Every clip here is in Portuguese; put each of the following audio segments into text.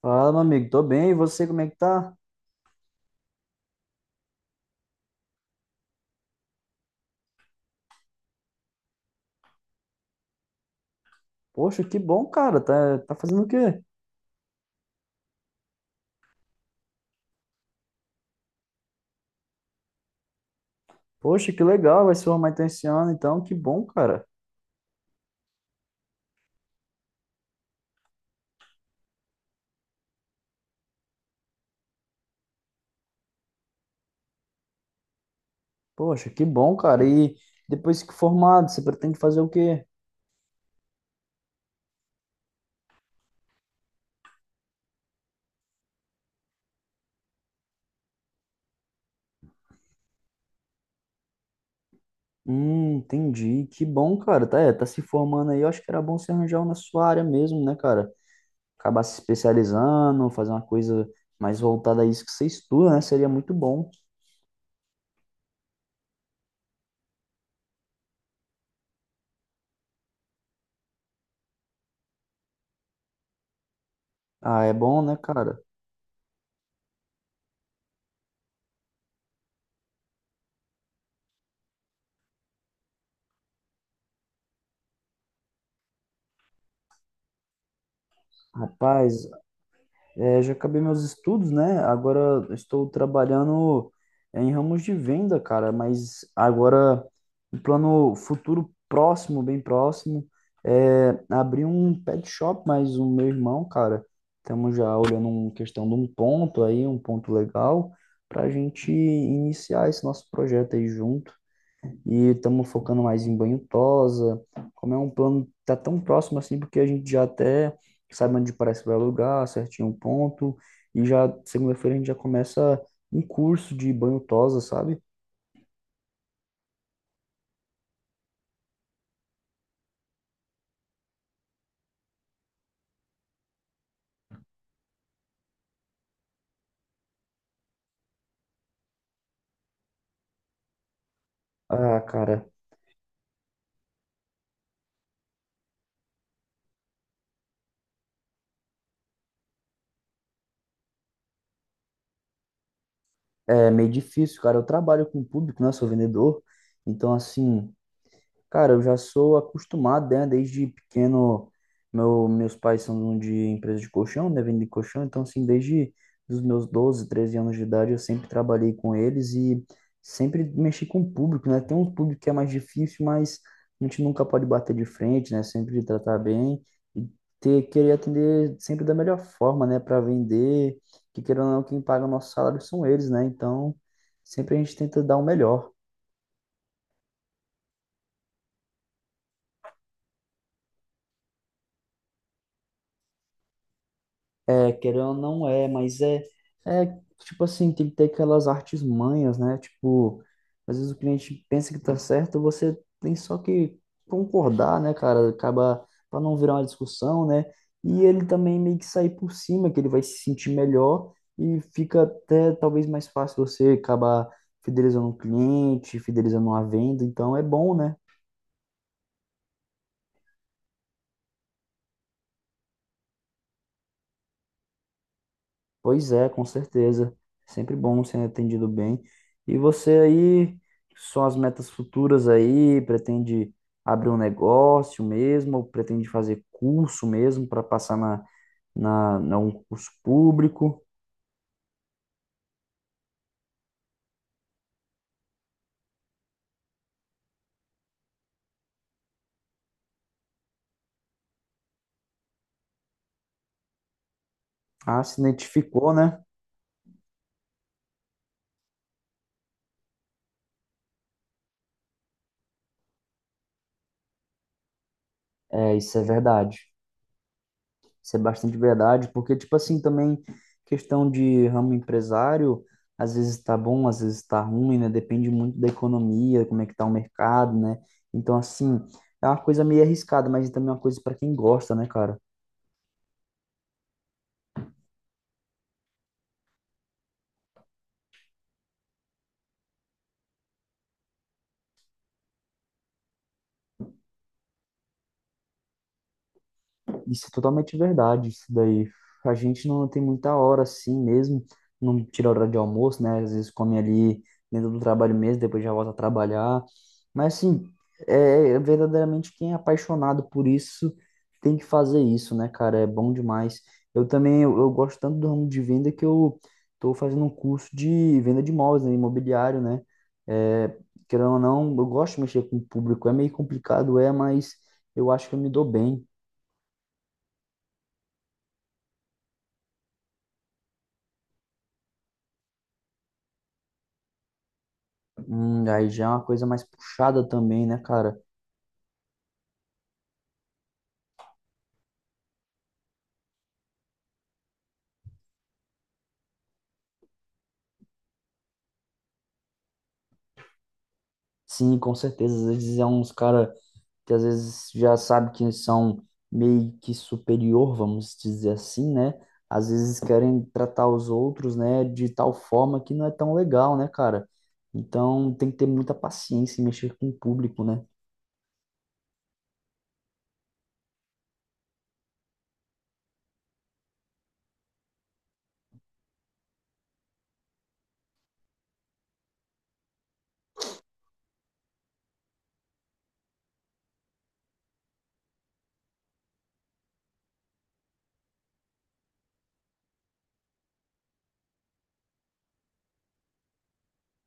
Fala, meu amigo, tô bem, e você, como é que tá? Poxa, que bom, cara, tá fazendo o quê? Poxa, que legal, vai se formar então esse ano, então, que bom, cara. Poxa, que bom, cara, e depois que formado, você pretende fazer o quê? Entendi, que bom, cara, tá se formando aí, eu acho que era bom você arranjar uma na sua área mesmo, né, cara? Acabar se especializando, fazer uma coisa mais voltada a isso que você estuda, né, seria muito bom. Ah, é bom, né, cara? Rapaz, é, já acabei meus estudos, né? Agora estou trabalhando em ramos de venda, cara, mas agora o plano futuro próximo, bem próximo, é abrir um pet shop, mas o meu irmão, cara, estamos já olhando uma questão de um ponto aí, um ponto legal, para a gente iniciar esse nosso projeto aí junto. E estamos focando mais em banho tosa, como é um plano que tá tão próximo assim, porque a gente já até sabe onde parece que vai alugar, certinho o ponto, e já segunda-feira a gente já começa um curso de banho tosa, sabe? Ah, cara, é meio difícil, cara. Eu trabalho com público, né? Sou vendedor, então assim, cara, eu já sou acostumado, né? Desde pequeno, meus pais são de empresa de colchão, né? Vendem colchão, então assim, desde os meus 12, 13 anos de idade, eu sempre trabalhei com eles e sempre mexi com o público, né? Tem um público que é mais difícil, mas a gente nunca pode bater de frente, né? Sempre tratar bem e ter, querer atender sempre da melhor forma, né? Para vender, que querendo ou não, quem paga o nosso salário são eles, né? Então, sempre a gente tenta dar o melhor. É, querendo ou não é, mas é tipo assim, tem que ter aquelas artes manhas, né? Tipo, às vezes o cliente pensa que tá certo, você tem só que concordar, né, cara? Acaba para não virar uma discussão, né? E ele também meio que sair por cima, que ele vai se sentir melhor e fica até talvez mais fácil você acabar fidelizando um cliente, fidelizando uma venda, então é bom, né? Pois é, com certeza. Sempre bom ser atendido bem. E você aí, são as metas futuras aí? Pretende abrir um negócio mesmo? Ou pretende fazer curso mesmo para passar na um curso público? Ah, se identificou, né? É, isso é verdade. Isso é bastante verdade, porque, tipo assim, também questão de ramo empresário, às vezes tá bom, às vezes tá ruim, né? Depende muito da economia, como é que tá o mercado, né? Então, assim, é uma coisa meio arriscada, mas também é uma coisa para quem gosta, né, cara? Isso é totalmente verdade, isso daí. A gente não tem muita hora assim mesmo, não tira hora de almoço, né? Às vezes come ali dentro do trabalho mesmo, depois já volta a trabalhar. Mas assim, é verdadeiramente quem é apaixonado por isso tem que fazer isso, né, cara? É bom demais. Eu também, eu gosto tanto do ramo de venda que eu tô fazendo um curso de venda de imóveis, né, imobiliário, né? É, querendo ou não, eu gosto de mexer com o público, é meio complicado, é, mas eu acho que eu me dou bem. Aí já é uma coisa mais puxada também, né, cara? Sim, com certeza. Às vezes é uns cara que às vezes já sabe que são meio que superior, vamos dizer assim, né? Às vezes querem tratar os outros, né, de tal forma que não é tão legal, né, cara? Então tem que ter muita paciência em mexer com o público, né?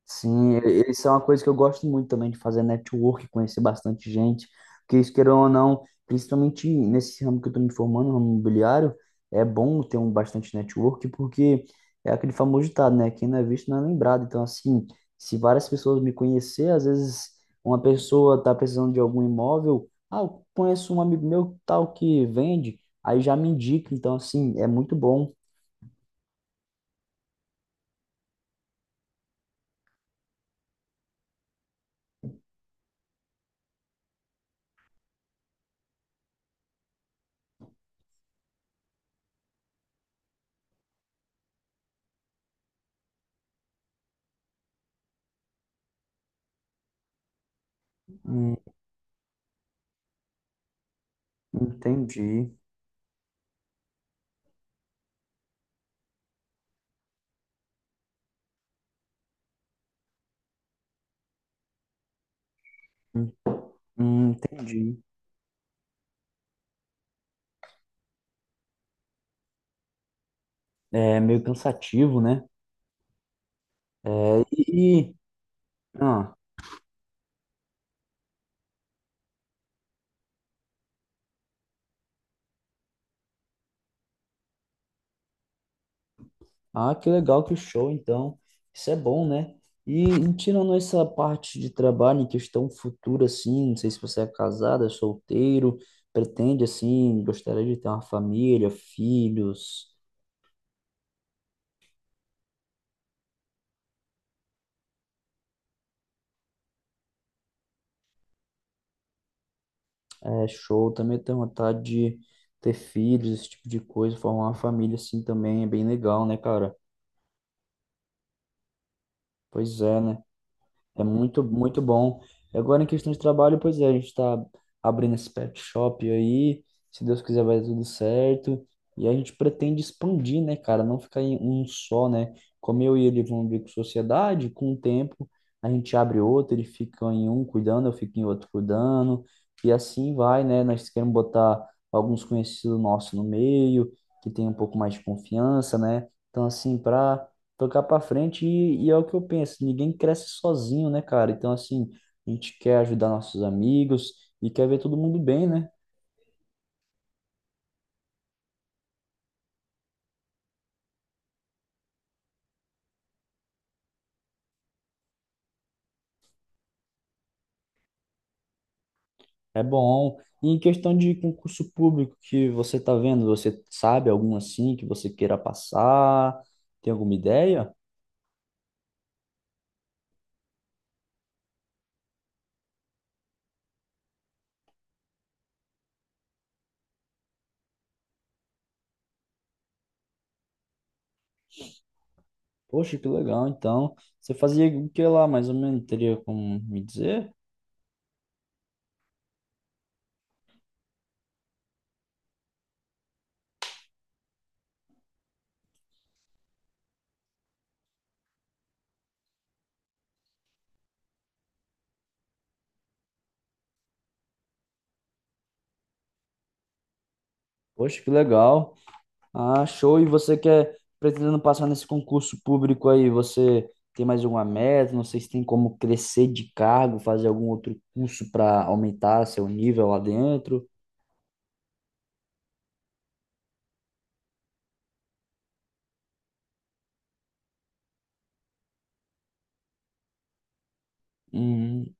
Sim, e- eles são uma coisa que eu gosto muito também de fazer network, conhecer bastante gente, porque isso, queira ou não, principalmente nesse ramo que eu estou me formando, no ramo imobiliário, é bom ter um bastante network, porque é aquele famoso ditado, né? Quem não é visto não é lembrado. Então, assim, se várias pessoas me conhecer, às vezes uma pessoa está precisando de algum imóvel, ah, eu conheço um amigo meu tal que vende, aí já me indica. Então, assim, é muito bom. Hum, entendi. Entendi. É meio cansativo, né? É, e, ah, que legal, que show, então. Isso é bom, né? E tirando essa parte de trabalho em questão futura, assim, não sei se você é casada, solteiro, pretende, assim, gostaria de ter uma família, filhos, é show, também tenho vontade de ter filhos, esse tipo de coisa, formar uma família, assim, também é bem legal, né, cara? Pois é, né? É muito, muito bom. E agora, em questão de trabalho, pois é, a gente está abrindo esse pet shop aí. Se Deus quiser, vai dar tudo certo. E a gente pretende expandir, né, cara? Não ficar em um só, né? Como eu e ele vão abrir com sociedade, com o tempo a gente abre outro, ele fica em um cuidando, eu fico em outro cuidando. E assim vai, né? Nós queremos botar alguns conhecidos nossos no meio, que tem um pouco mais de confiança, né? Então, assim, para tocar para frente e é o que eu penso, ninguém cresce sozinho, né, cara? Então, assim, a gente quer ajudar nossos amigos e quer ver todo mundo bem, né? É bom. E em questão de concurso público que você tá vendo, você sabe algum assim que você queira passar? Tem alguma ideia? Poxa, que legal. Então, você fazia o que lá, mais ou menos? Teria como me dizer? Poxa, que legal. Ah, show. E você quer, pretendendo passar nesse concurso público aí, você tem mais alguma meta? Não sei se tem como crescer de cargo, fazer algum outro curso para aumentar seu nível lá dentro. Hum,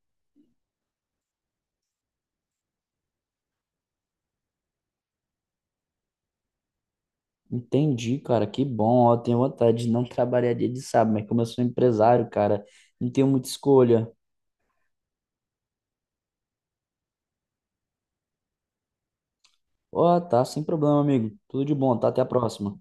entendi, cara. Que bom. Ó, eu tenho vontade de não trabalhar dia de sábado, mas como eu sou empresário, cara, não tenho muita escolha. Ó, tá, sem problema, amigo. Tudo de bom, tá? Até a próxima.